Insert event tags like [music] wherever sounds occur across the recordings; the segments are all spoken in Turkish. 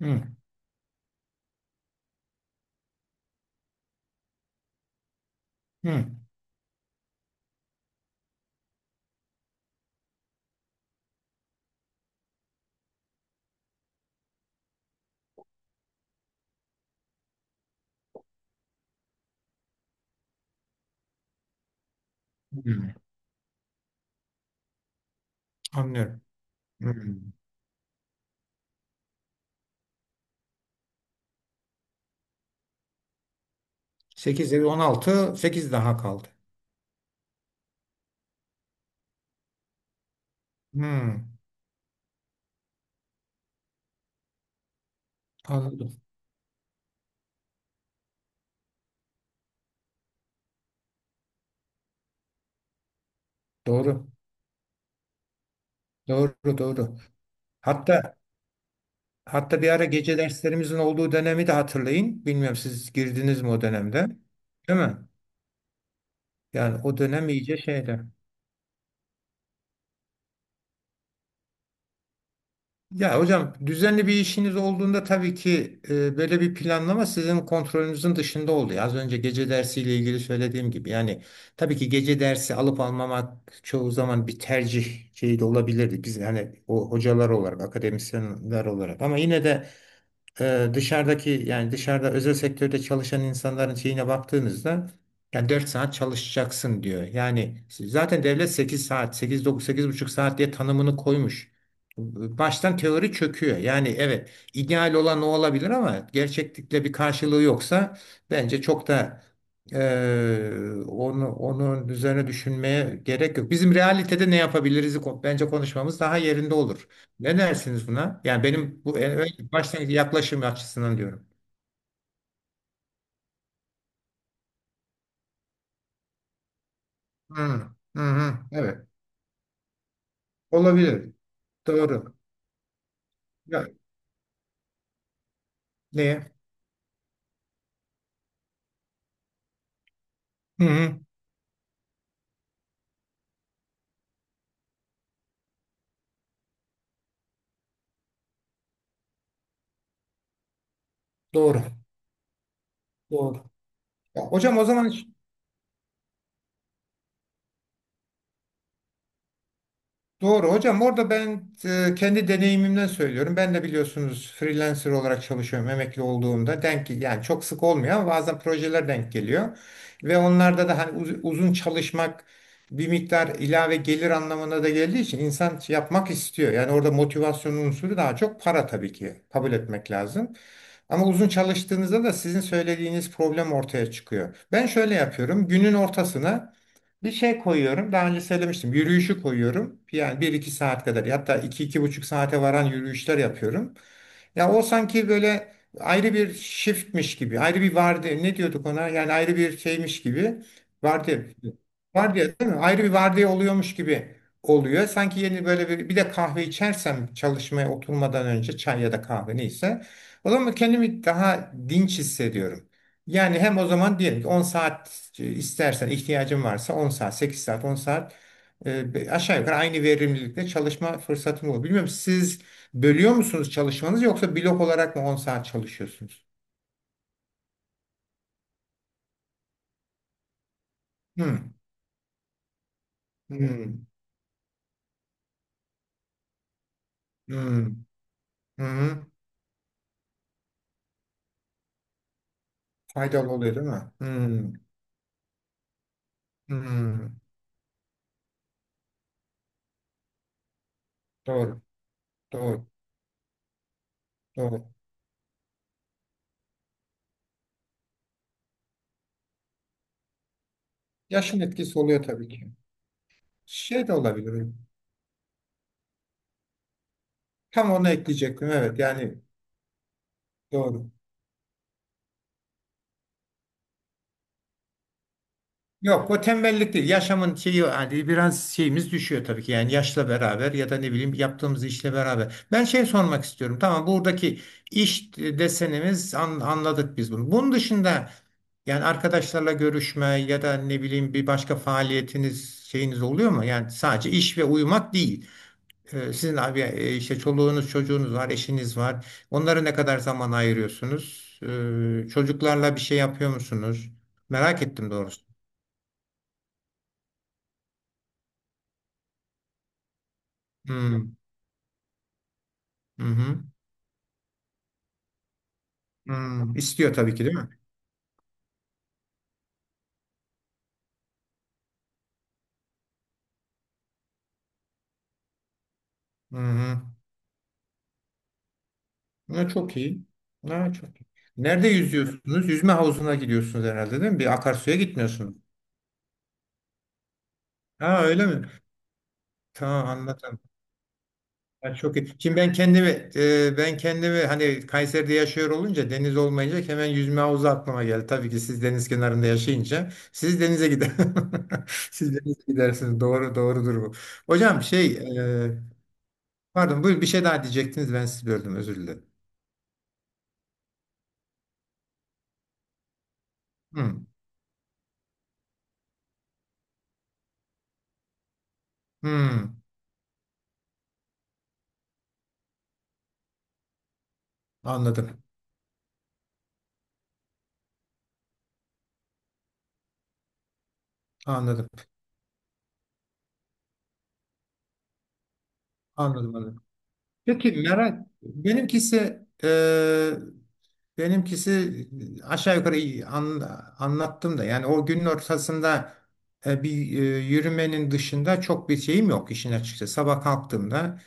Hı, hı, hı. Anlıyorum. Hı. 8 16 8 daha kaldı. Hı, anladım. Doğru, doğru, doğru. Hatta hatta bir ara gece derslerimizin olduğu dönemi de hatırlayın. Bilmiyorum siz girdiniz mi o dönemde? Değil mi? Yani o dönem iyice şeyde. Ya hocam düzenli bir işiniz olduğunda tabii ki böyle bir planlama sizin kontrolünüzün dışında oluyor. Az önce gece dersiyle ilgili söylediğim gibi yani tabii ki gece dersi alıp almamak çoğu zaman bir tercih şeyi de olabilirdi. Biz hani o hocalar olarak, akademisyenler olarak ama yine de dışarıdaki yani dışarıda özel sektörde çalışan insanların şeyine baktığınızda yani 4 saat çalışacaksın diyor. Yani zaten devlet 8 saat, sekiz dokuz sekiz buçuk saat diye tanımını koymuş. Baştan teori çöküyor. Yani evet ideal olan o olabilir ama gerçeklikle bir karşılığı yoksa bence çok da e, onu onun üzerine düşünmeye gerek yok. Bizim realitede ne yapabiliriz bence konuşmamız daha yerinde olur. Ne dersiniz buna? Yani benim bu başlangıç yaklaşım açısından diyorum. Hı hı hı. Evet. Olabilir. Doğru. Ya, neye? Hı hı. Doğru. Doğru. Ya, hocam o zaman. Doğru hocam orada ben kendi deneyimimden söylüyorum. Ben de biliyorsunuz freelancer olarak çalışıyorum emekli olduğumda. Denk yani çok sık olmuyor ama bazen projeler denk geliyor. Ve onlarda da hani uzun çalışmak bir miktar ilave gelir anlamına da geldiği için insan yapmak istiyor. Yani orada motivasyon unsuru daha çok para tabii ki kabul etmek lazım. Ama uzun çalıştığınızda da sizin söylediğiniz problem ortaya çıkıyor. Ben şöyle yapıyorum. Günün ortasına bir şey koyuyorum. Daha önce söylemiştim. Yürüyüşü koyuyorum. Yani bir iki saat kadar. Hatta iki iki buçuk saate varan yürüyüşler yapıyorum. Ya o sanki böyle ayrı bir shiftmiş gibi. Ayrı bir vardı. Ne diyorduk ona? Yani ayrı bir şeymiş gibi. Vardiya. Vardiya değil mi? Ayrı bir vardiya oluyormuş gibi oluyor. Sanki yeni böyle bir de kahve içersem çalışmaya oturmadan önce çay ya da kahve neyse. O zaman kendimi daha dinç hissediyorum. Yani hem o zaman diyelim ki 10 saat istersen ihtiyacın varsa 10 saat, 8 saat, 10 saat aşağı yukarı aynı verimlilikte çalışma fırsatın olur. Bilmiyorum siz bölüyor musunuz çalışmanızı yoksa blok olarak mı 10 saat çalışıyorsunuz? Hmm. Hmm. Hmm. Hmm. Hmm. Faydalı oluyor değil mi? Hmm. Hmm. Doğru. Doğru. Doğru. Yaşın etkisi oluyor tabii ki. Şey de olabilir. Tam onu ekleyecektim. Evet yani doğru. Yok o tembellik değil. Yaşamın şeyi hani biraz şeyimiz düşüyor tabii ki. Yani yaşla beraber ya da ne bileyim yaptığımız işle beraber. Ben şey sormak istiyorum. Tamam buradaki iş desenimiz anladık biz bunu. Bunun dışında yani arkadaşlarla görüşme ya da ne bileyim bir başka faaliyetiniz şeyiniz oluyor mu? Yani sadece iş ve uyumak değil. Sizin abi işte çoluğunuz, çocuğunuz var, eşiniz var. Onlara ne kadar zaman ayırıyorsunuz? Çocuklarla bir şey yapıyor musunuz? Merak ettim doğrusu. Hmm. Hı hı. İstiyor tabii ki değil mi? Hı hı. Ne çok iyi. Ne çok iyi. Nerede yüzüyorsunuz? Yüzme havuzuna gidiyorsunuz herhalde değil mi? Bir akarsuya gitmiyorsunuz. Ha öyle mi? Tamam anladım. Ha, çok iyi. Şimdi ben kendimi ben kendimi hani Kayseri'de yaşıyor olunca deniz olmayınca hemen yüzme havuzu aklıma geldi. Tabii ki siz deniz kenarında yaşayınca siz denize gider. [laughs] Siz denize gidersiniz. Doğru doğrudur bu. Hocam şey e, pardon buyur bir şey daha diyecektiniz ben sizi böldüm özür dilerim. Hı. Hı. Anladım, anladım, anladım, anladım. Peki merak, benimkisi benimkisi aşağı yukarı iyi anlattım da yani o günün ortasında bir yürümenin dışında çok bir şeyim yok işin açıkçası. Sabah kalktığımda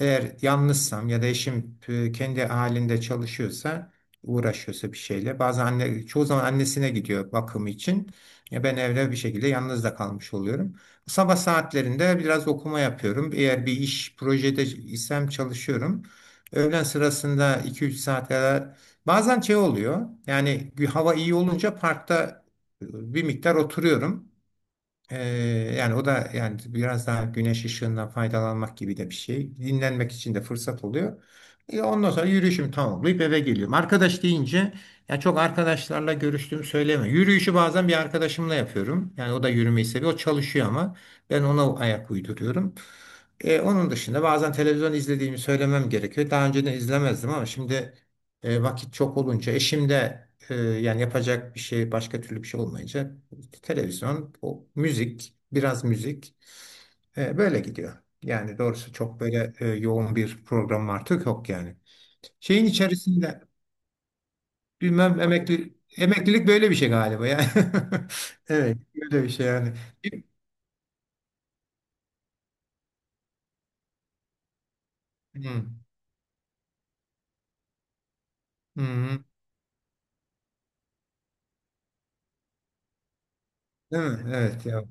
eğer yalnızsam ya da eşim kendi halinde çalışıyorsa uğraşıyorsa bir şeyle bazen anne çoğu zaman annesine gidiyor bakım için. Ya ben evde bir şekilde yalnız da kalmış oluyorum. Sabah saatlerinde biraz okuma yapıyorum. Eğer bir iş projede isem çalışıyorum. Öğlen sırasında 2-3 saat kadar bazen şey oluyor. Yani hava iyi olunca parkta bir miktar oturuyorum. Ee, yani o da yani biraz daha güneş ışığından faydalanmak gibi de bir şey. Dinlenmek için de fırsat oluyor. Ondan sonra yürüyüşümü tamamlayıp eve geliyorum. Arkadaş deyince ya çok arkadaşlarla görüştüğümü söyleme. Yürüyüşü bazen bir arkadaşımla yapıyorum. Yani o da yürümeyi seviyor. O çalışıyor ama ben ona ayak uyduruyorum. Onun dışında bazen televizyon izlediğimi söylemem gerekiyor. Daha önceden izlemezdim ama şimdi vakit çok olunca eşim de yani yapacak bir şey başka türlü bir şey olmayınca televizyon, o müzik, biraz müzik böyle gidiyor. Yani doğrusu çok böyle yoğun bir program artık yok yani. Şeyin içerisinde bilmem emeklilik böyle bir şey galiba ya. [laughs] Evet, böyle bir şey yani. Hı, hı, hı. Değil mi? Evet ya.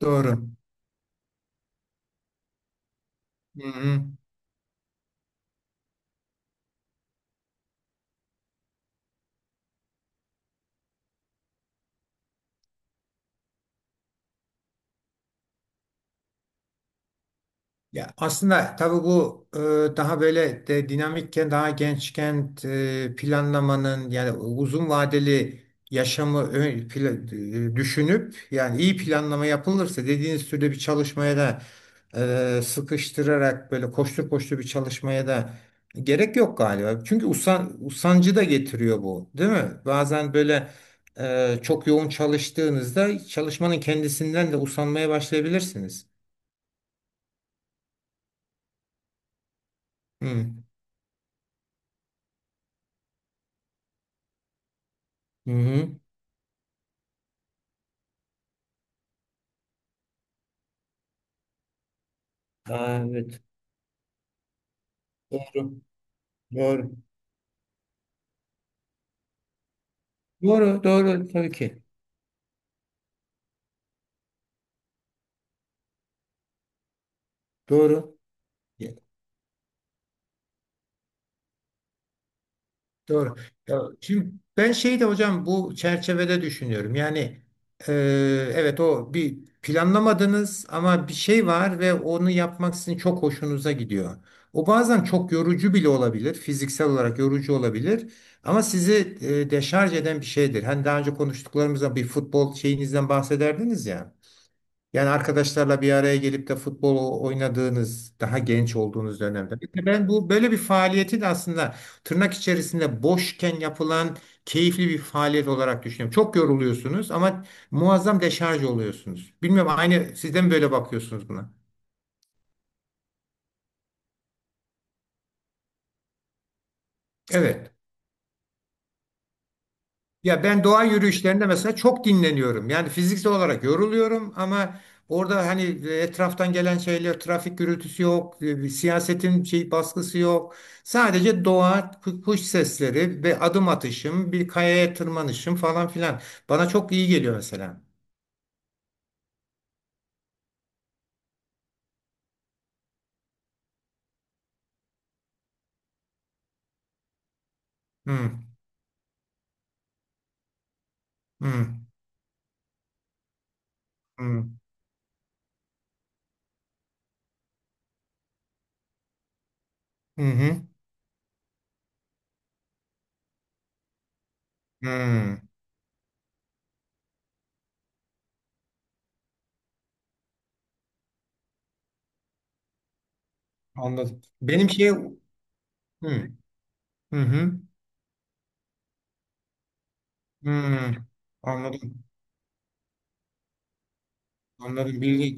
Doğru. Hı hı. Ya aslında tabii bu daha böyle de dinamikken daha gençken planlamanın yani uzun vadeli yaşamı düşünüp yani iyi planlama yapılırsa dediğiniz türde bir çalışmaya da sıkıştırarak böyle koştur koştur bir çalışmaya da gerek yok galiba. Çünkü usancı da getiriyor bu, değil mi? Bazen böyle çok yoğun çalıştığınızda çalışmanın kendisinden de usanmaya başlayabilirsiniz. Hı. Hı hı. Aa, evet. Doğru. Doğru. Doğru, doğru tabii ki. Doğru. Ya. Doğru. Ya, şimdi ben şeyi de hocam bu çerçevede düşünüyorum. Yani e, evet o bir planlamadınız ama bir şey var ve onu yapmak sizin çok hoşunuza gidiyor. O bazen çok yorucu bile olabilir. Fiziksel olarak yorucu olabilir. Ama sizi deşarj eden bir şeydir. Hani daha önce konuştuklarımızda bir futbol şeyinizden bahsederdiniz ya. Yani arkadaşlarla bir araya gelip de futbol oynadığınız, daha genç olduğunuz dönemde. İşte ben bu böyle bir faaliyetin aslında tırnak içerisinde boşken yapılan keyifli bir faaliyet olarak düşünüyorum. Çok yoruluyorsunuz ama muazzam deşarj oluyorsunuz. Bilmiyorum aynı siz de mi böyle bakıyorsunuz buna? Evet. Ya ben doğa yürüyüşlerinde mesela çok dinleniyorum. Yani fiziksel olarak yoruluyorum ama orada hani etraftan gelen şeyler, trafik gürültüsü yok, siyasetin şey baskısı yok. Sadece doğa, kuş sesleri ve adım atışım, bir kayaya tırmanışım falan filan. Bana çok iyi geliyor mesela. Hı hı hı hı hı. Hı. Anladım. Benim şey hı hı hı. Hı. Anladım. Anladım. Bilgi.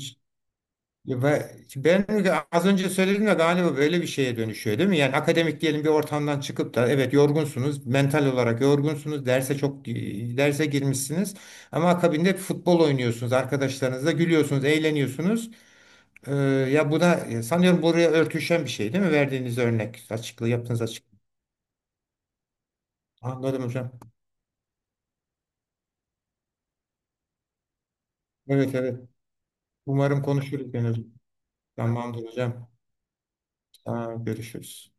Ya ben az önce söyledim de galiba böyle bir şeye dönüşüyor değil mi? Yani akademik diyelim bir ortamdan çıkıp da evet yorgunsunuz, mental olarak yorgunsunuz, derse girmişsiniz ama akabinde futbol oynuyorsunuz, arkadaşlarınızla gülüyorsunuz, eğleniyorsunuz. Ee, ya bu da sanıyorum buraya örtüşen bir şey değil mi? Verdiğiniz örnek, açıklığı yaptığınız açık. Anladım hocam. Evet evet. Umarım konuşuruz gene. Tamamdır hocam. Tamam, görüşürüz.